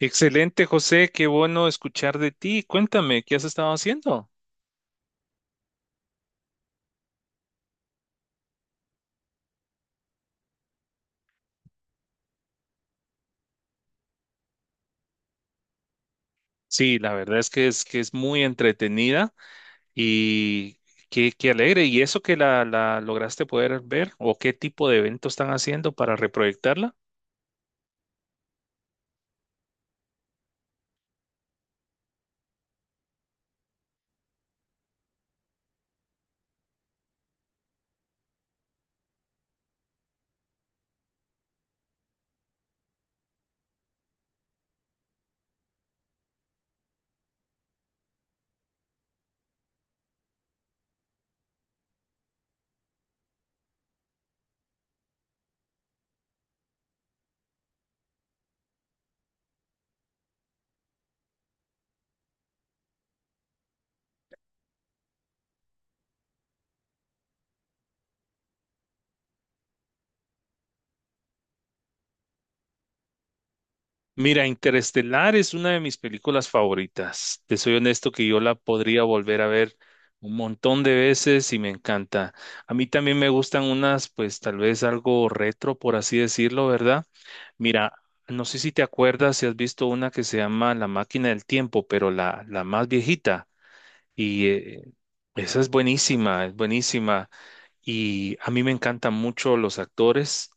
Excelente, José, qué bueno escuchar de ti. Cuéntame, ¿qué has estado haciendo? Sí, la verdad es que es muy entretenida y qué alegre. ¿Y eso que la lograste poder ver o qué tipo de evento están haciendo para reproyectarla? Mira, Interestelar es una de mis películas favoritas. Te soy honesto que yo la podría volver a ver un montón de veces y me encanta. A mí también me gustan unas, pues tal vez algo retro, por así decirlo, ¿verdad? Mira, no sé si te acuerdas si has visto una que se llama La Máquina del Tiempo, pero la más viejita. Y esa es buenísima, es buenísima. Y a mí me encantan mucho los actores.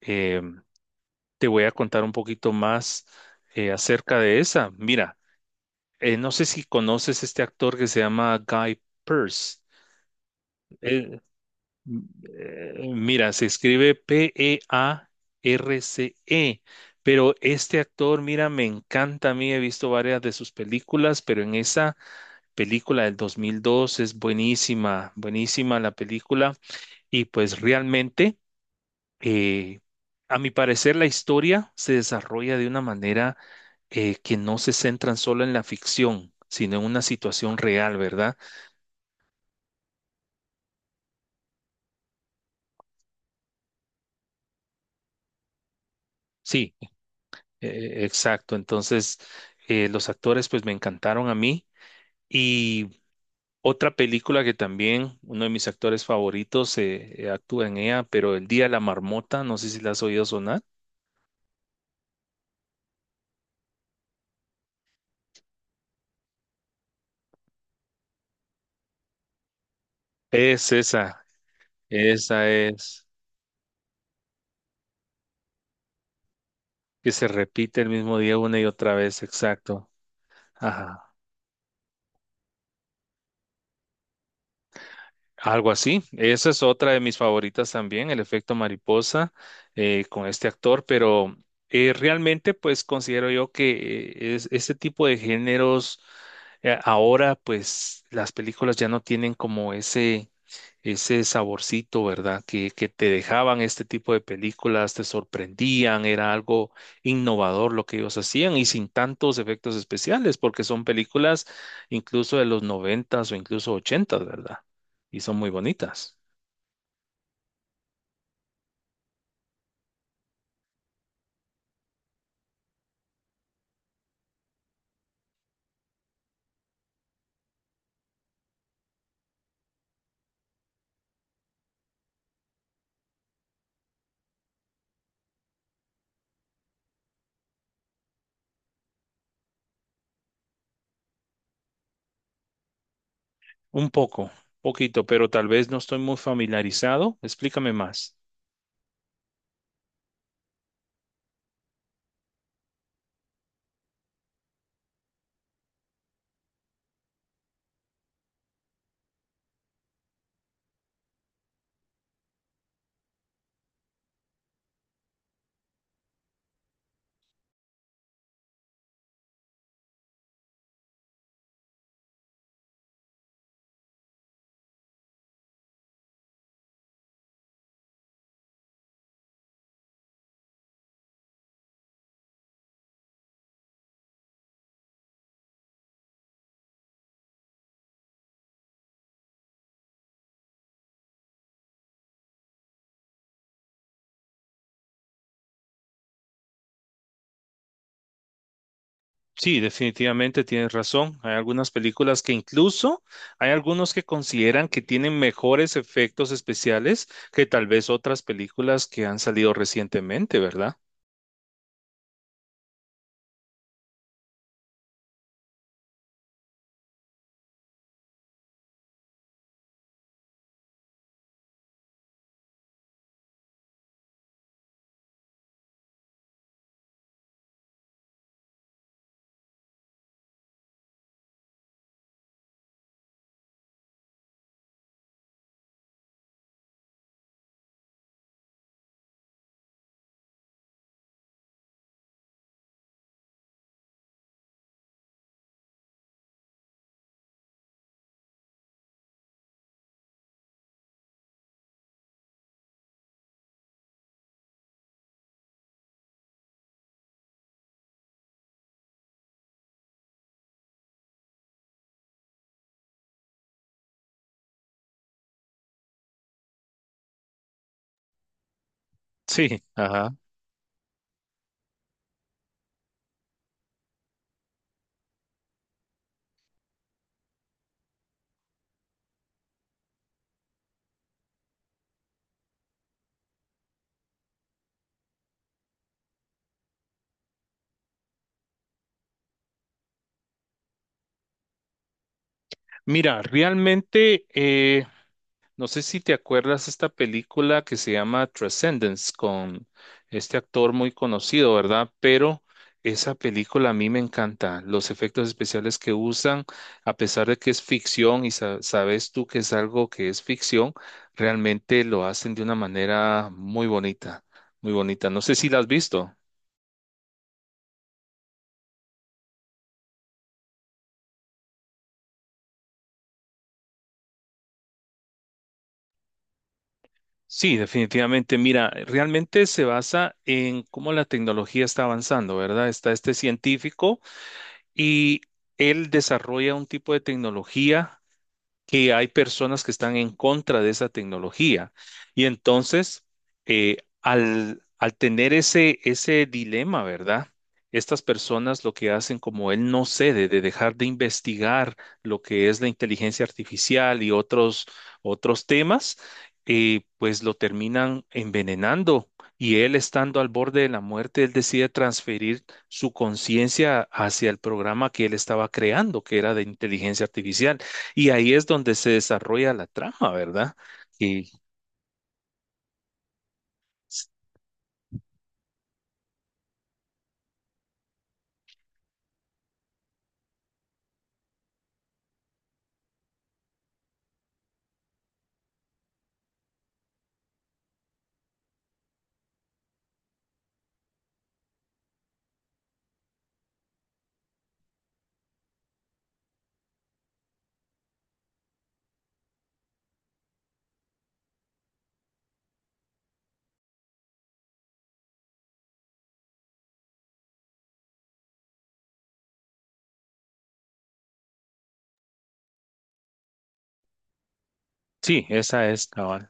em, Te voy a contar un poquito más acerca de esa. Mira, no sé si conoces este actor que se llama Guy Pearce. Eh, Mira, se escribe Pearce, pero este actor, mira, me encanta a mí, he visto varias de sus películas, pero en esa película del 2002 es buenísima, buenísima la película y pues realmente... Eh, a mi parecer, la historia se desarrolla de una manera que no se centran solo en la ficción, sino en una situación real, ¿verdad? Sí, exacto. Entonces, los actores pues me encantaron a mí. Y otra película que también uno de mis actores favoritos actúa en ella, pero El Día de la Marmota, no sé si la has oído sonar. Es esa, esa es, que se repite el mismo día una y otra vez, exacto. Ajá. Algo así. Esa es otra de mis favoritas también, el efecto mariposa con este actor, pero realmente pues considero yo que es, este tipo de géneros ahora pues las películas ya no tienen como ese saborcito, ¿verdad? Que te dejaban este tipo de películas, te sorprendían, era algo innovador lo que ellos hacían y sin tantos efectos especiales, porque son películas incluso de los 90 o incluso 80, ¿verdad? Y son muy bonitas. Un poco, poquito, pero tal vez no estoy muy familiarizado. Explícame más. Sí, definitivamente tienes razón. Hay algunas películas que incluso hay algunos que consideran que tienen mejores efectos especiales que tal vez otras películas que han salido recientemente, ¿verdad? Sí, ajá. Mira, realmente no sé si te acuerdas esta película que se llama Transcendence con este actor muy conocido, ¿verdad? Pero esa película a mí me encanta. Los efectos especiales que usan, a pesar de que es ficción y sabes tú que es algo que es ficción, realmente lo hacen de una manera muy bonita, muy bonita. No sé si la has visto. Sí, definitivamente. Mira, realmente se basa en cómo la tecnología está avanzando, ¿verdad? Está este científico. Y él desarrolla un tipo de tecnología que hay personas que están en contra de esa tecnología. Y entonces, al tener ese, ese dilema, ¿verdad? Estas personas lo que hacen, como él no cede de dejar de investigar lo que es la inteligencia artificial y otros, otros temas, pues lo terminan envenenando. Y él estando al borde de la muerte, él decide transferir su conciencia hacia el programa que él estaba creando, que era de inteligencia artificial. Y ahí es donde se desarrolla la trama, ¿verdad? Y s- sí, esa es, cabal.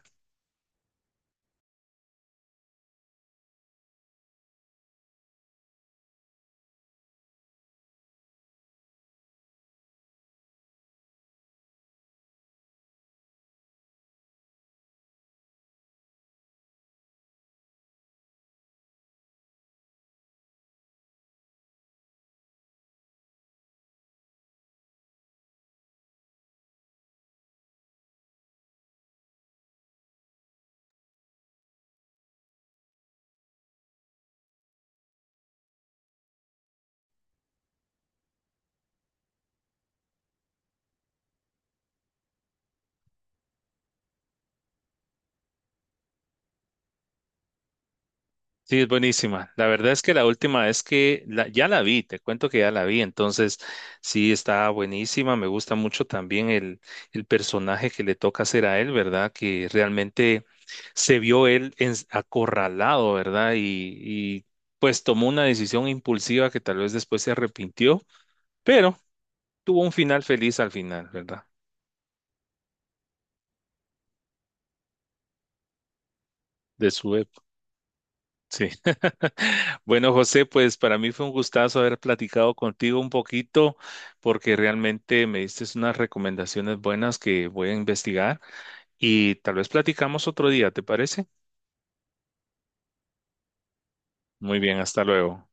Sí, es buenísima. La verdad es que la última vez que ya la vi, te cuento que ya la vi, entonces sí está buenísima. Me gusta mucho también el personaje que le toca hacer a él, ¿verdad? Que realmente se vio él acorralado, ¿verdad? Y pues tomó una decisión impulsiva que tal vez después se arrepintió, pero tuvo un final feliz al final, ¿verdad? De su Sí. Bueno, José, pues para mí fue un gustazo haber platicado contigo un poquito porque realmente me diste unas recomendaciones buenas que voy a investigar y tal vez platicamos otro día, ¿te parece? Muy bien, hasta luego.